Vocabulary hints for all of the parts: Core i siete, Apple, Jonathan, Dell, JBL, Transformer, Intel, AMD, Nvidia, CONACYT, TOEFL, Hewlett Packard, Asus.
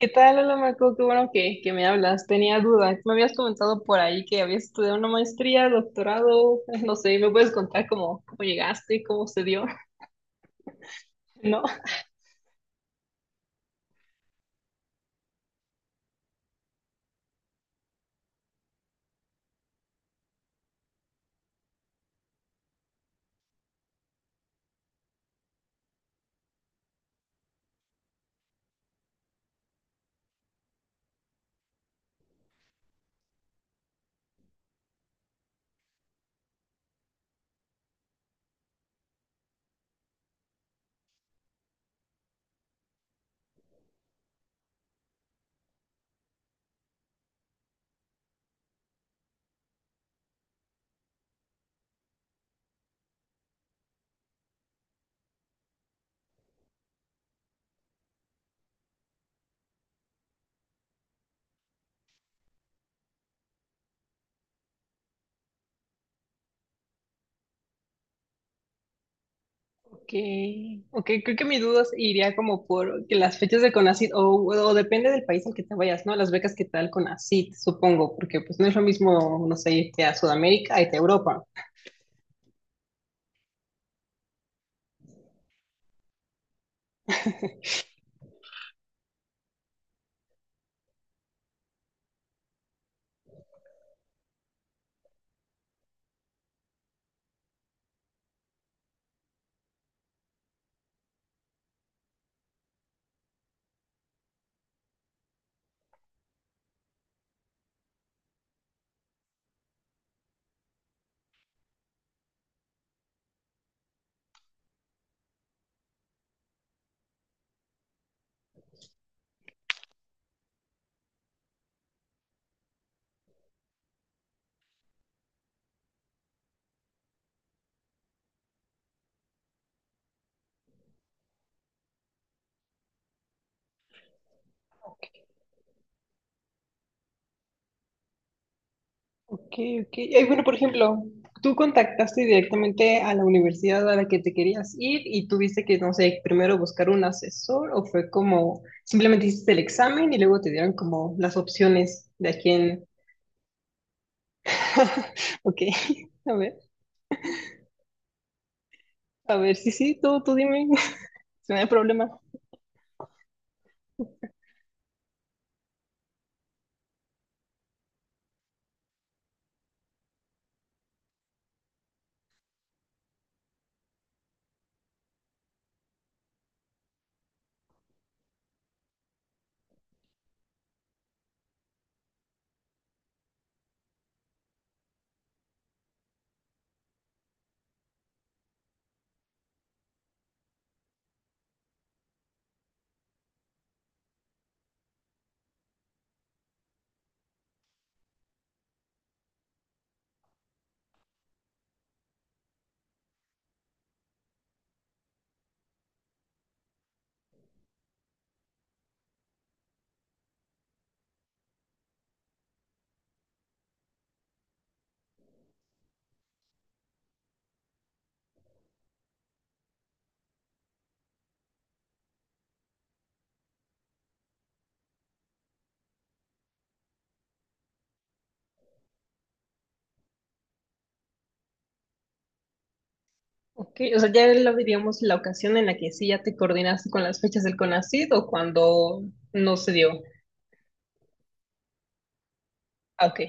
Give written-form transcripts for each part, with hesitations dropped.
¿Qué tal, hola Marco? Qué bueno que me hablas. Tenía dudas. Me habías comentado por ahí que habías estudiado una maestría, doctorado, no sé, ¿me puedes contar cómo llegaste, cómo se dio? ¿No? Ok, ok, creo que mi duda iría como por que las fechas de CONACYT, o depende del país al que te vayas, ¿no? Las becas que tal CONACYT, supongo, porque pues no es lo mismo, no sé, irte a Sudamérica, irte a Europa. Ok, ok, ok. Ay, bueno, por ejemplo, tú contactaste directamente a la universidad a la que te querías ir y tuviste que, no sé, primero buscar un asesor o fue como simplemente hiciste el examen y luego te dieron como las opciones de a quién. Ok, a ver, a ver, sí, sí, tú dime, si no hay problema. Ok, o sea, ya lo diríamos la ocasión en la que sí ya te coordinaste con las fechas del CONACYT o cuando no se dio. Ah, ok,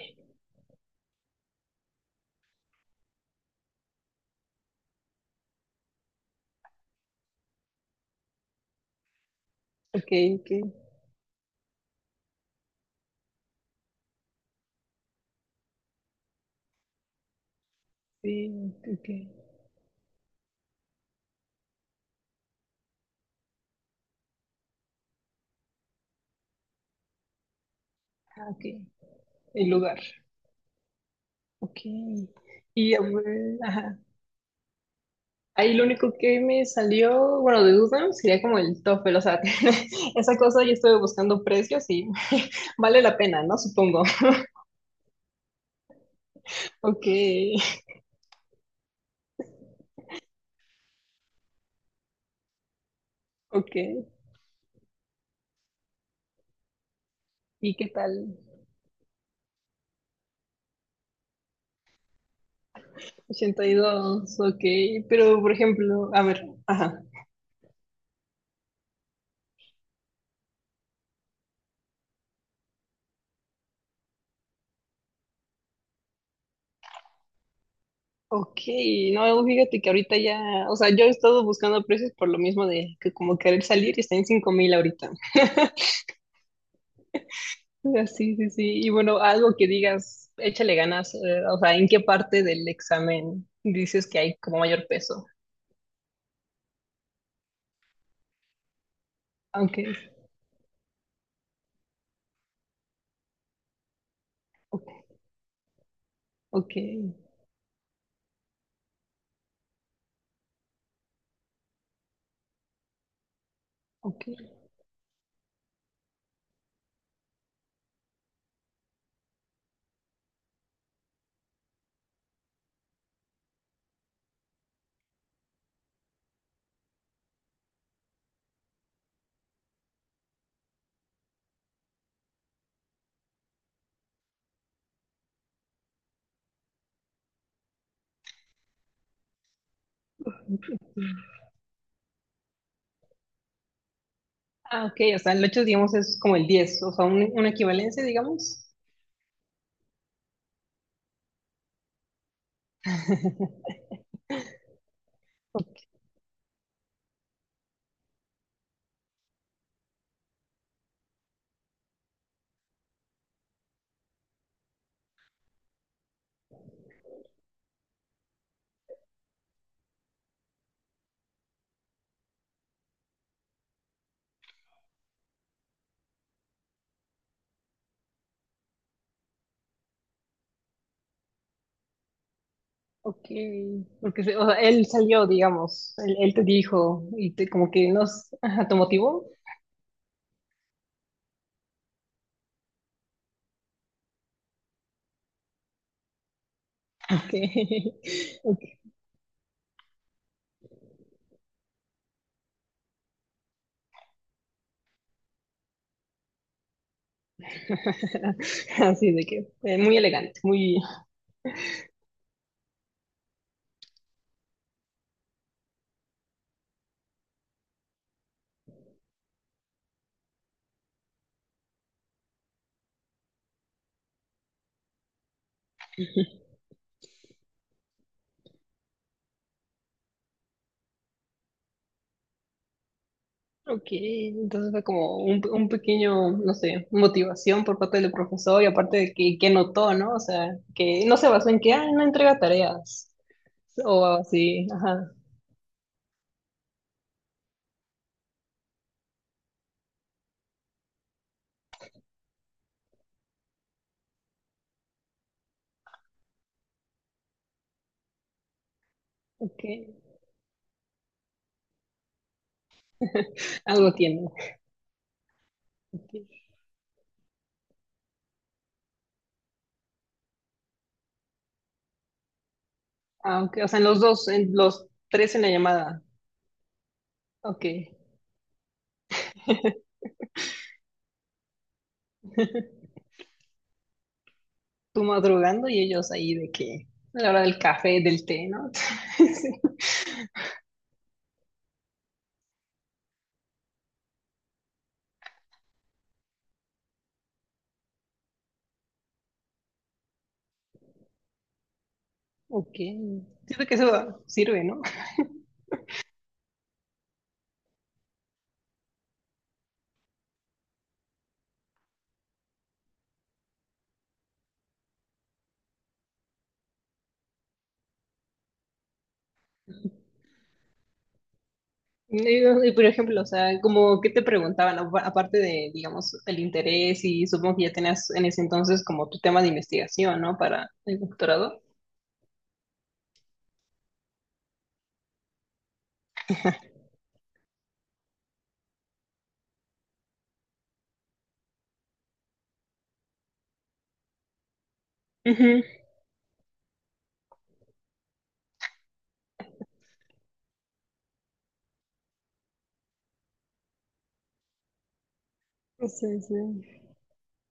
ok, ok, sí, ok, ah, ok, el lugar. Ok. Y a ver, ajá. Ahí lo único que me salió, bueno, de duda sería como el TOEFL, o sea, esa cosa yo estuve buscando precios y vale la pena, ¿no? Supongo. Ok, ok. ¿Y qué tal? Ochenta y dos, ok. Pero, por ejemplo, a ver, ajá. Ok, no, fíjate que ahorita ya, o sea, yo he estado buscando precios por lo mismo de que como querer salir y está en 5 mil ahorita. Ah, sí, sí, sí. Y bueno, algo que digas, échale ganas, o sea, ¿en qué parte del examen dices que hay como mayor peso? Aunque, ok, ok, ok. Ah, ok, o sea, el 8, digamos, es como el 10 o sea, una equivalencia, digamos. Ok, porque o sea, él salió, digamos, él te dijo y te como que nos, ajá, te motivó. Ok, ok. Así de que, muy elegante, muy, ok, entonces fue como un pequeño, no sé, motivación por parte del profesor y aparte de que notó, ¿no? O sea, que no se basó en que, ah, no entrega tareas o así, ajá, ok, algo tiene. Ok. Ah, ok, o sea, en los dos, en los tres en la llamada, ok, tú madrugando y ellos ahí de que, a la hora del café, del té, ¿no? Sí. Ok, siento que eso sirve, ¿no? Y, por ejemplo, o sea, como qué te preguntaban, aparte de, digamos, el interés y supongo que ya tenías en ese entonces como tu tema de investigación, ¿no? Para el doctorado. Ujú. Sí, sí,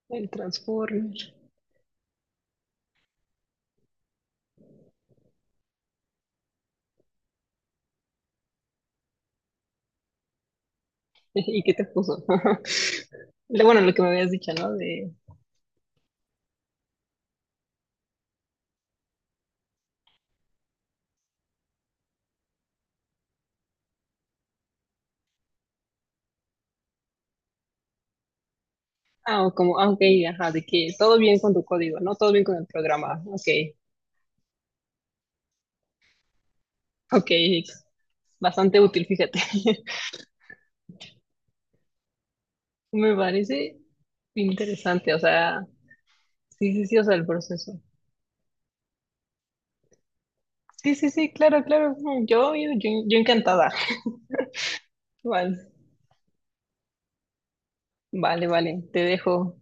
el Transformer. ¿Y qué te puso? Bueno, lo que me habías dicho, ¿no? De, ah, o como, ah, ok, ajá, de que todo bien con tu código, ¿no? Todo bien con el programa, ok, ok, bastante útil, fíjate. Me parece interesante, o sea, sí, sí, sí, o sea, el proceso. Sí, sí, sí, claro, claro. Yo, yo, yo encantada. Vale, vale, vale. Te dejo.